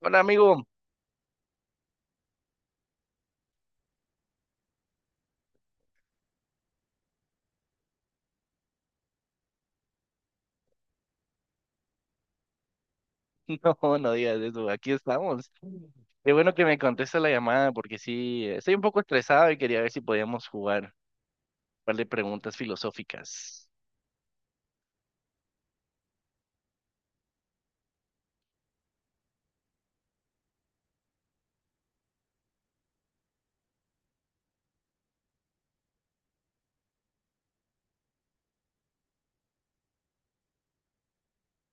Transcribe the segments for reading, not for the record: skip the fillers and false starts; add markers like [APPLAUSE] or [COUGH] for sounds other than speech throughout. Hola amigo. [LAUGHS] No, no digas eso, aquí estamos. Qué bueno que me contesta la llamada porque sí, estoy un poco estresado y quería ver si podíamos jugar un par de preguntas filosóficas.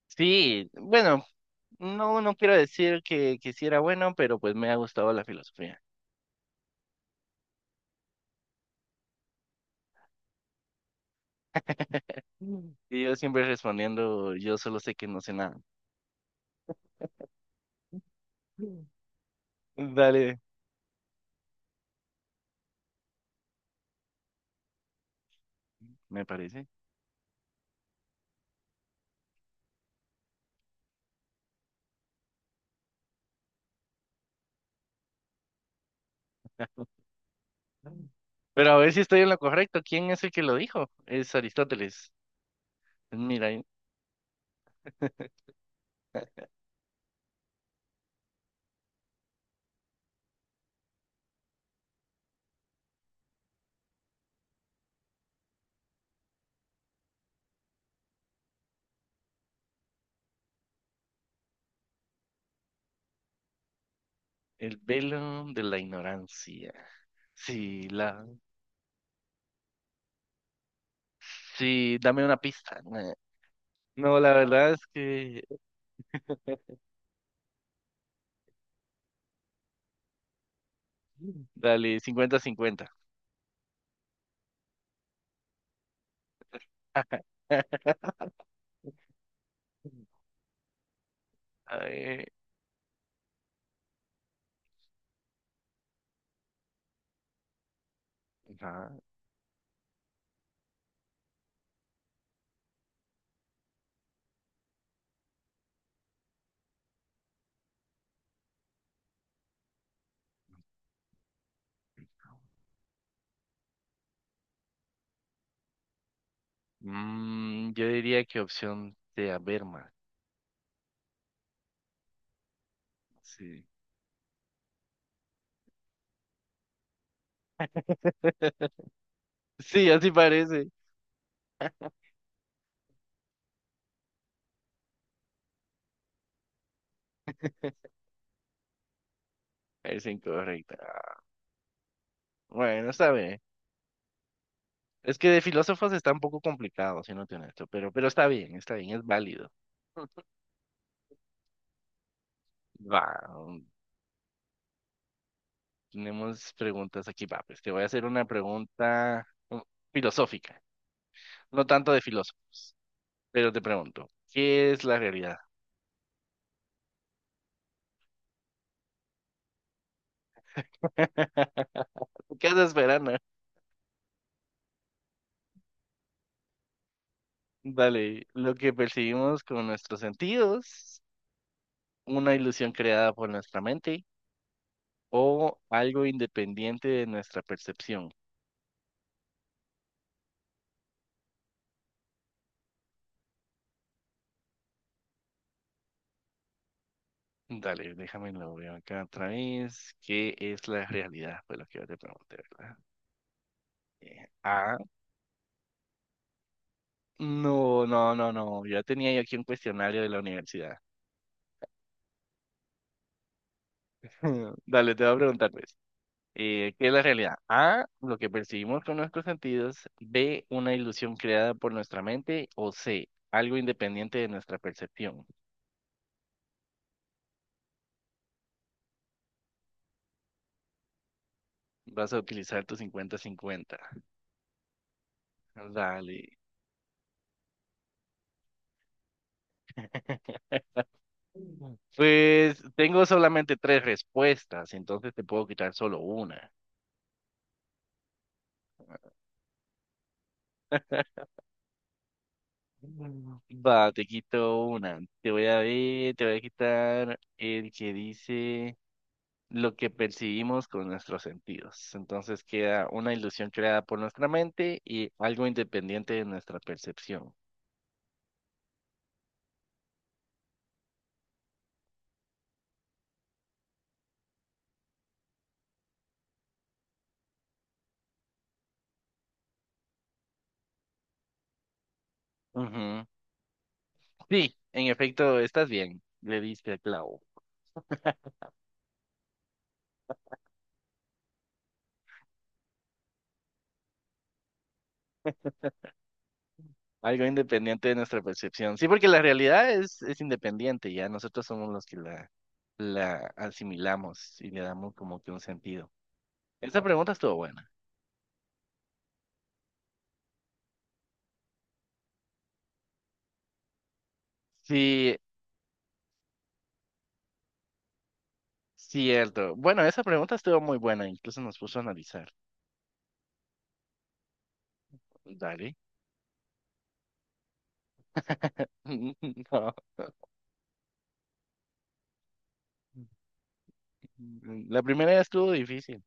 Sí, bueno, no, no quiero decir que sí era bueno, pero pues me ha gustado la filosofía. Mm. Y yo siempre respondiendo, yo solo sé que no sé nada. Mm. Dale, me parece. Mm. Pero a ver si estoy en lo correcto. ¿Quién es el que lo dijo? Es Aristóteles. Mira, ahí. El velo de la ignorancia. Sí, la... Sí, dame una pista. No, la verdad es que... Dale, 50-50. [LAUGHS] A ver, ajá. Mm, yo diría que opción de Averma. Sí. Sí, así parece. Es incorrecta. Bueno, está bien. Es que de filósofos está un poco complicado, si no te honesto, pero está bien, es válido. [LAUGHS] Va, tenemos preguntas aquí, va, pues te voy a hacer una pregunta filosófica, no tanto de filósofos, pero te pregunto, ¿qué es la realidad? [LAUGHS] ¿Qué andas esperando? Dale, lo que percibimos con nuestros sentidos, una ilusión creada por nuestra mente o algo independiente de nuestra percepción. Dale, déjame lo veo acá otra vez. ¿Qué es la realidad? Fue lo que yo te pregunté, ¿verdad? A. No, no, no, no. Yo tenía yo aquí un cuestionario de la universidad. [LAUGHS] Dale, te voy a preguntar, pues. ¿Qué es la realidad? A, lo que percibimos con nuestros sentidos. B, una ilusión creada por nuestra mente. O C, algo independiente de nuestra percepción. Vas a utilizar tu 50-50. Dale. [LAUGHS] Mm. Pues tengo solamente tres respuestas, entonces te puedo quitar solo una. Mm. Va, te quito una. Te voy a quitar el que dice lo que percibimos con nuestros sentidos. Entonces queda una ilusión creada por nuestra mente y algo independiente de nuestra percepción. Ujú. Sí, en efecto, estás bien, le diste al clavo. Algo independiente de nuestra percepción. Sí, porque la realidad es independiente, ya nosotros somos los que la asimilamos y le damos como que un sentido. Esa pregunta estuvo buena. Sí, cierto. Bueno, esa pregunta estuvo muy buena, incluso nos puso a analizar. Dale. [LAUGHS] No. Mm, la primera ya estuvo difícil.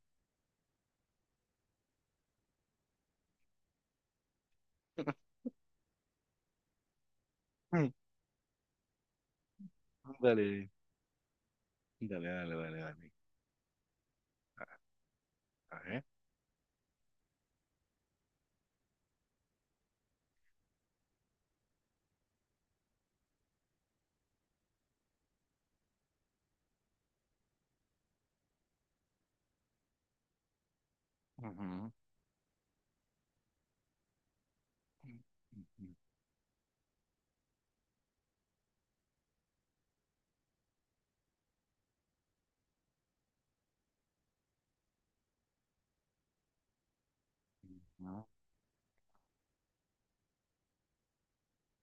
[LAUGHS] Mm. Dale, dale, dale, dale, dale. A ver. Ujú.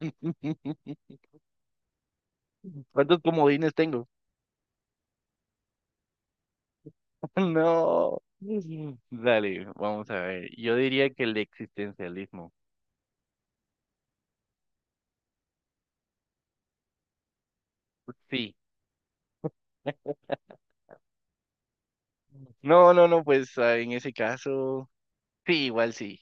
Ujú. [LAUGHS] ¿Cuántos comodines tengo? [LAUGHS] No. Dale, vamos a ver. Yo diría que el existencialismo. Sí. No, no, no, pues ah, en ese caso, sí, igual sí.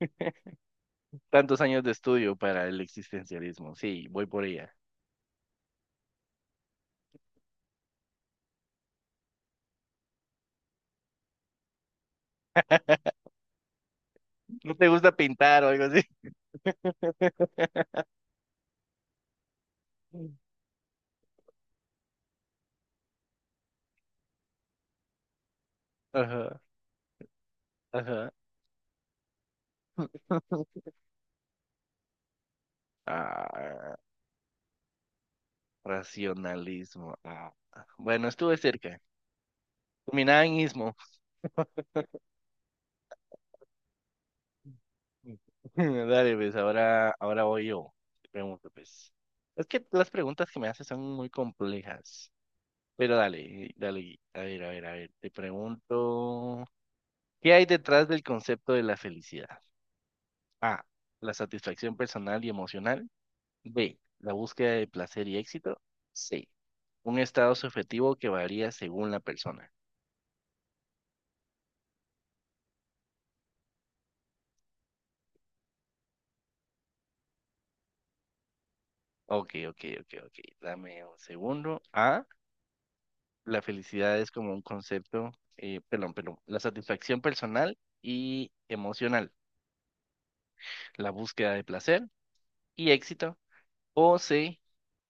[LAUGHS] Tantos años de estudio para el existencialismo. Sí, voy por ella. ¿No te gusta pintar o algo así? Ajá, ajá. Ah, racionalismo. Ah, bueno, estuve cerca. Terminaba en ismo. [LAUGHS] Dale, pues ahora, ahora voy yo. Te pregunto, pues. Es que las preguntas que me haces son muy complejas. Pero dale, dale. A ver, a ver, a ver. Te pregunto, ¿qué hay detrás del concepto de la felicidad? A, la satisfacción personal y emocional. B, la búsqueda de placer y éxito. C, un estado subjetivo que varía según la persona. Ok, ok, ok, ok. Dame un segundo. A, la felicidad es como un concepto, perdón, perdón, la satisfacción personal y emocional, la búsqueda de placer y éxito. O C,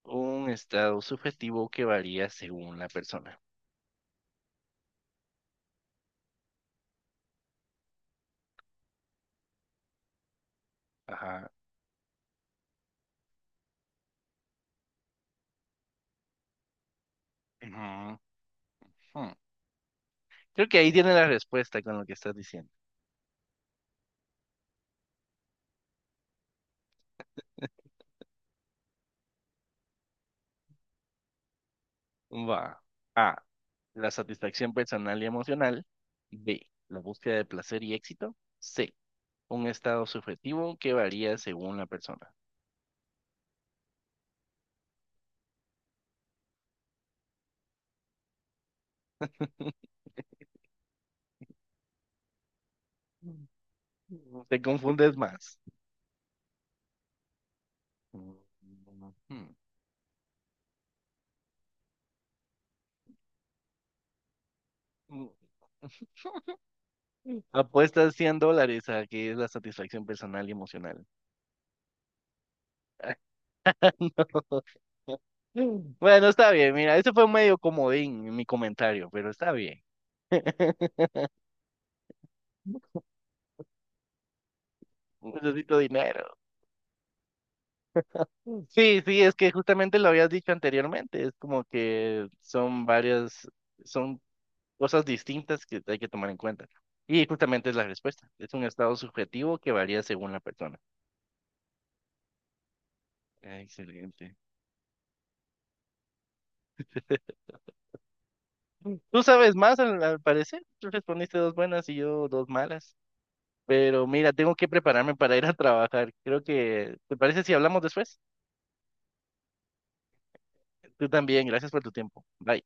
un estado subjetivo que varía según la persona. Ajá. Ujú. Hmm. Creo que ahí tiene la respuesta con lo que estás diciendo. Va. A, la satisfacción personal y emocional. B, la búsqueda de placer y éxito. C, un estado subjetivo que varía según la persona. [LAUGHS] Te confundes más. Apuestas $100 a que es la satisfacción personal y emocional. [LAUGHS] No. Bueno, está bien, mira, eso fue medio comodín en mi comentario, pero está bien. [LAUGHS] Necesito dinero. Sí, sí, es que justamente lo habías dicho anteriormente, es como que son varias, son cosas distintas que hay que tomar en cuenta. Y justamente es la respuesta. Es un estado subjetivo que varía según la persona. Excelente. Tú sabes más, al parecer. Tú respondiste dos buenas y yo dos malas. Pero mira, tengo que prepararme para ir a trabajar. Creo que, ¿te parece si hablamos después? Tú también. Gracias por tu tiempo. Bye.